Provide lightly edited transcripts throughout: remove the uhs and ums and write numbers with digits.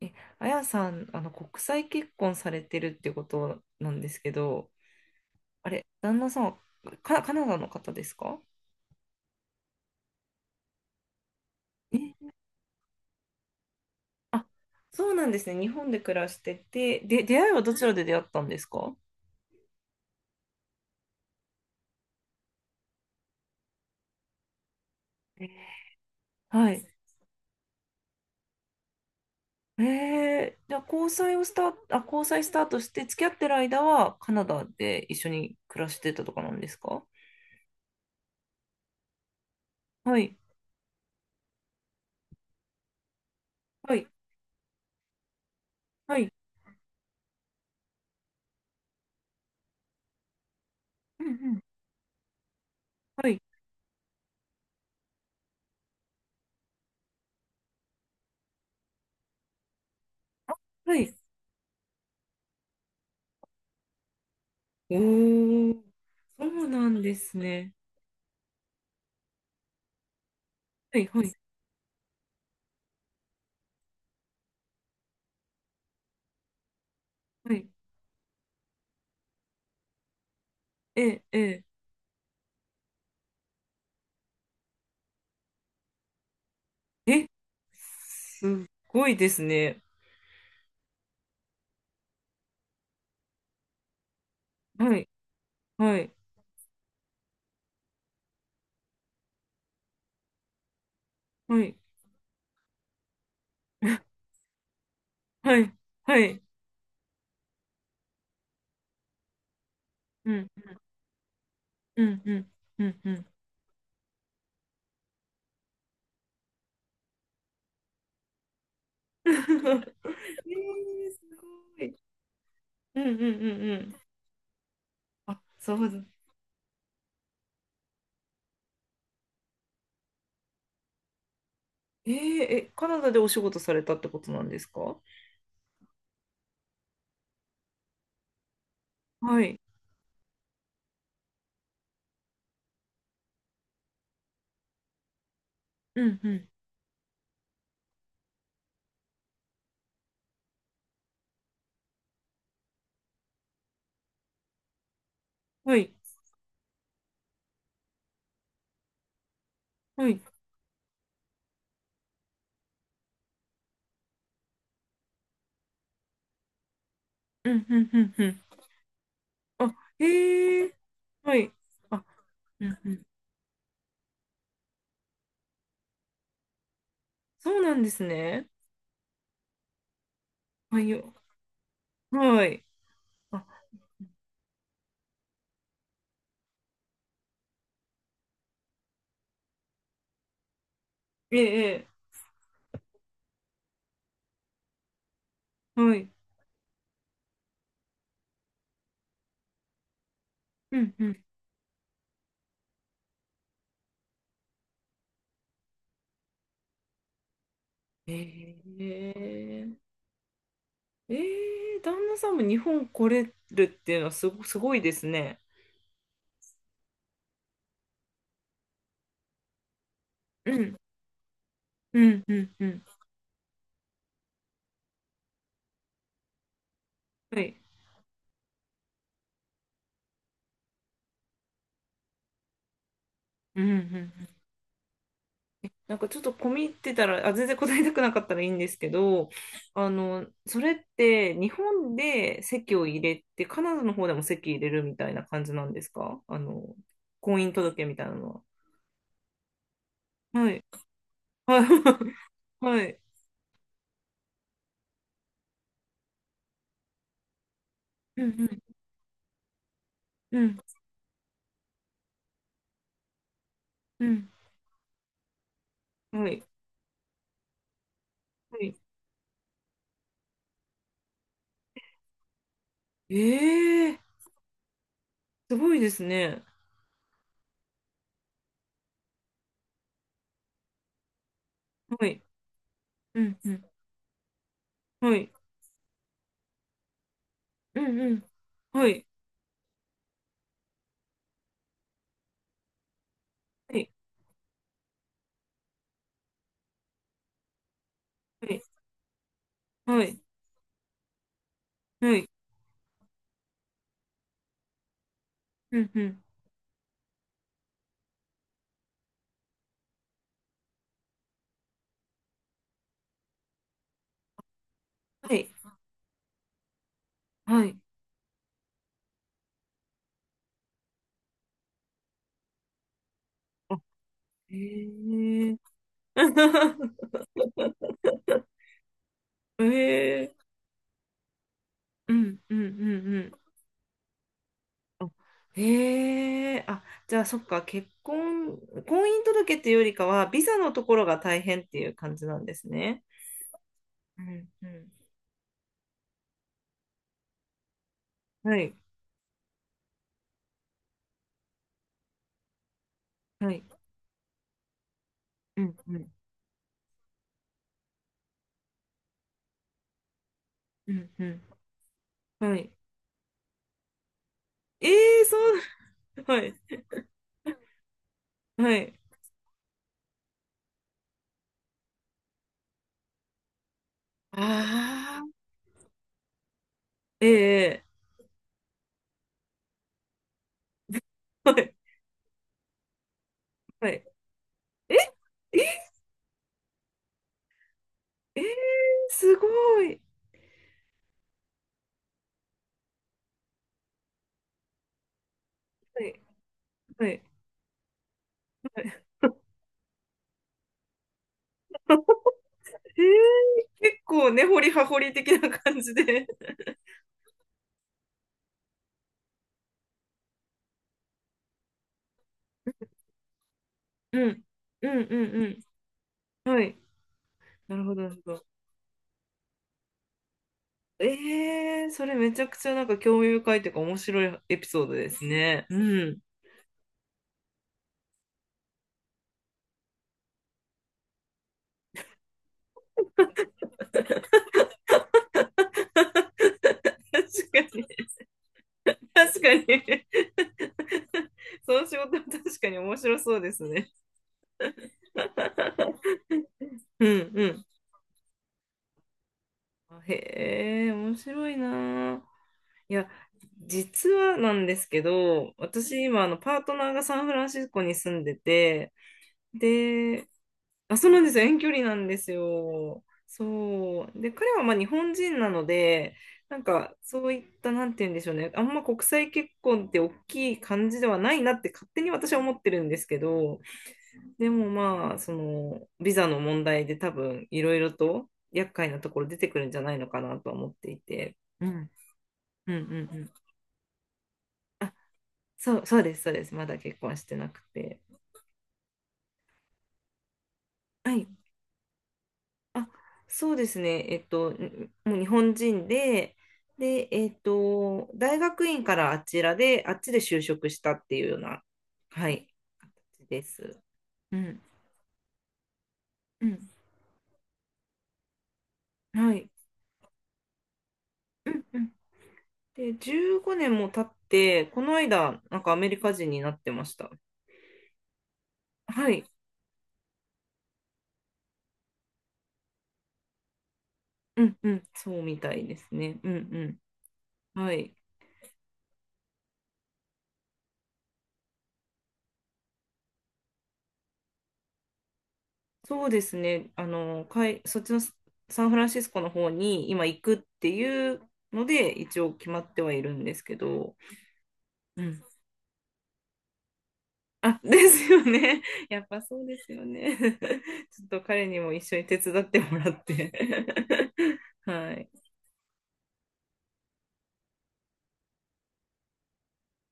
え、あやさん、国際結婚されてるってことなんですけど、あれ、旦那さんはカナダの方ですか？え、あ、そうなんですね。日本で暮らしてて、で、出会いはどちらで出会ったんですか？はい。じゃあ交際スタートして付き合ってる間はカナダで一緒に暮らしてたとかなんですか？はい、はい、はい、うんうん、はい、はい。おー、そうなんですね。はい、はい、はい。え、え、え、すっごいですね。はい、はい、はい、はい、はい、うん、うん、うん、うん、うん。えー、すごい。うんうんうんうん。あ、そうだ。えー、え、カナダでお仕事されたってことなんですか？はい。うんうん。はい。はい。うんうんうんうん。あ、へえー。はい。あ、うんうん。そうなんですね。はいよ。はい。あ、ええ、ええはい。うんうん。えー、えー、旦那さんも日本来れるっていうのはすごいですね。うん、うん、うん、うん。はい。うん、うん。うん。なんかちょっと込み入ってたら、あ、全然答えたくなかったらいいんですけど、あの、それって日本で籍を入れて、カナダの方でも籍入れるみたいな感じなんですか？あの、婚姻届みたいなのは。はい。はい。はい。うん、うん、うん、うん。はい。はい。ええー、すごいですね。はい。うん、うん。はい。うん、うん。はい。はい。はい。はい。はい。うん、うん。はい。はい。あ、へえ。へえ。うん、うん、うん、うん。あ、へえ。あ、じゃあ、そっか。婚姻届っていうよりかは、ビザのところが大変っていう感じなんですね。うん、うん。はい。はい。うん、うん。うん、うん。はい。ええ、そう。はい。はい。ああ。ええ。はい。はい。え、え、えー、すごい。はい。はい。はい。えー、結構根掘り葉掘り的な感じで。うん。うんうんうん。はい。なるほど、なるほど。えー、それめちゃくちゃなんか興味深いというか面白いエピソードですね。うん。確かに、確かに。その仕事は確かに面白そうですね。うんうん。へえ、面白いなあ。いや、実はなんですけど、私今、あの、パートナーがサンフランシスコに住んでて、で、あ、そうなんですよ。遠距離なんですよ。そう。で、彼はまあ日本人なので、なんか、そういった、なんて言うんでしょうね。あんま国際結婚って大きい感じではないなって勝手に私は思ってるんですけど、でもまあ、その、ビザの問題で多分、いろいろと厄介なところ出てくるんじゃないのかなとは思っていて。うん。うんうんうん。そう、そうです、そうです。まだ結婚してなくて。はい。あ、そうですね。えっと、もう日本人で、で、えっと、大学院からあちらで、あっちで就職したっていうような、はい、形です。うん、うん、はい。うん、うん。で、15年も経って、この間、なんかアメリカ人になってました。はい。うん、うん、そうみたいですね。うん、うん。はい。そうですね。そっちのササンフランシスコの方に今行くっていうので、一応決まってはいるんですけど。うん。あ、ですよね。やっぱそうですよね。ちょっと彼にも一緒に手伝ってもらって はい。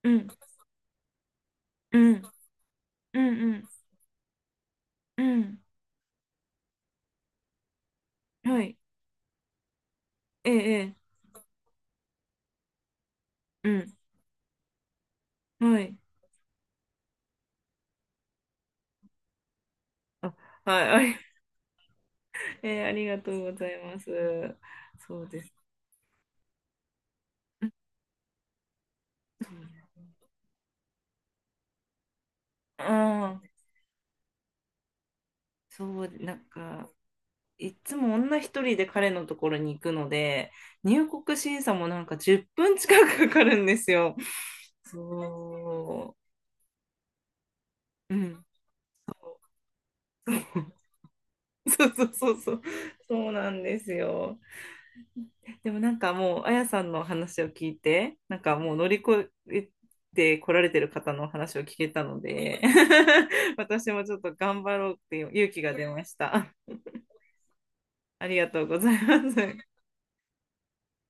うん、うん、うん、うん、うん。はい。ええ、ええ、うん。はい。あ、はい。ええ、ありがとうございます。そうです。うん。ああ、そう、なんか、いつも女一人で彼のところに行くので、入国審査もなんか10分近くかかるんですよ。そう。うん。そうそうそうそう。そうなんですよ。でもなんかもう、あやさんの話を聞いて、なんかもう乗り越えて来られてる方の話を聞けたので、私もちょっと頑張ろうっていう勇気が出ました。ありがとうございます。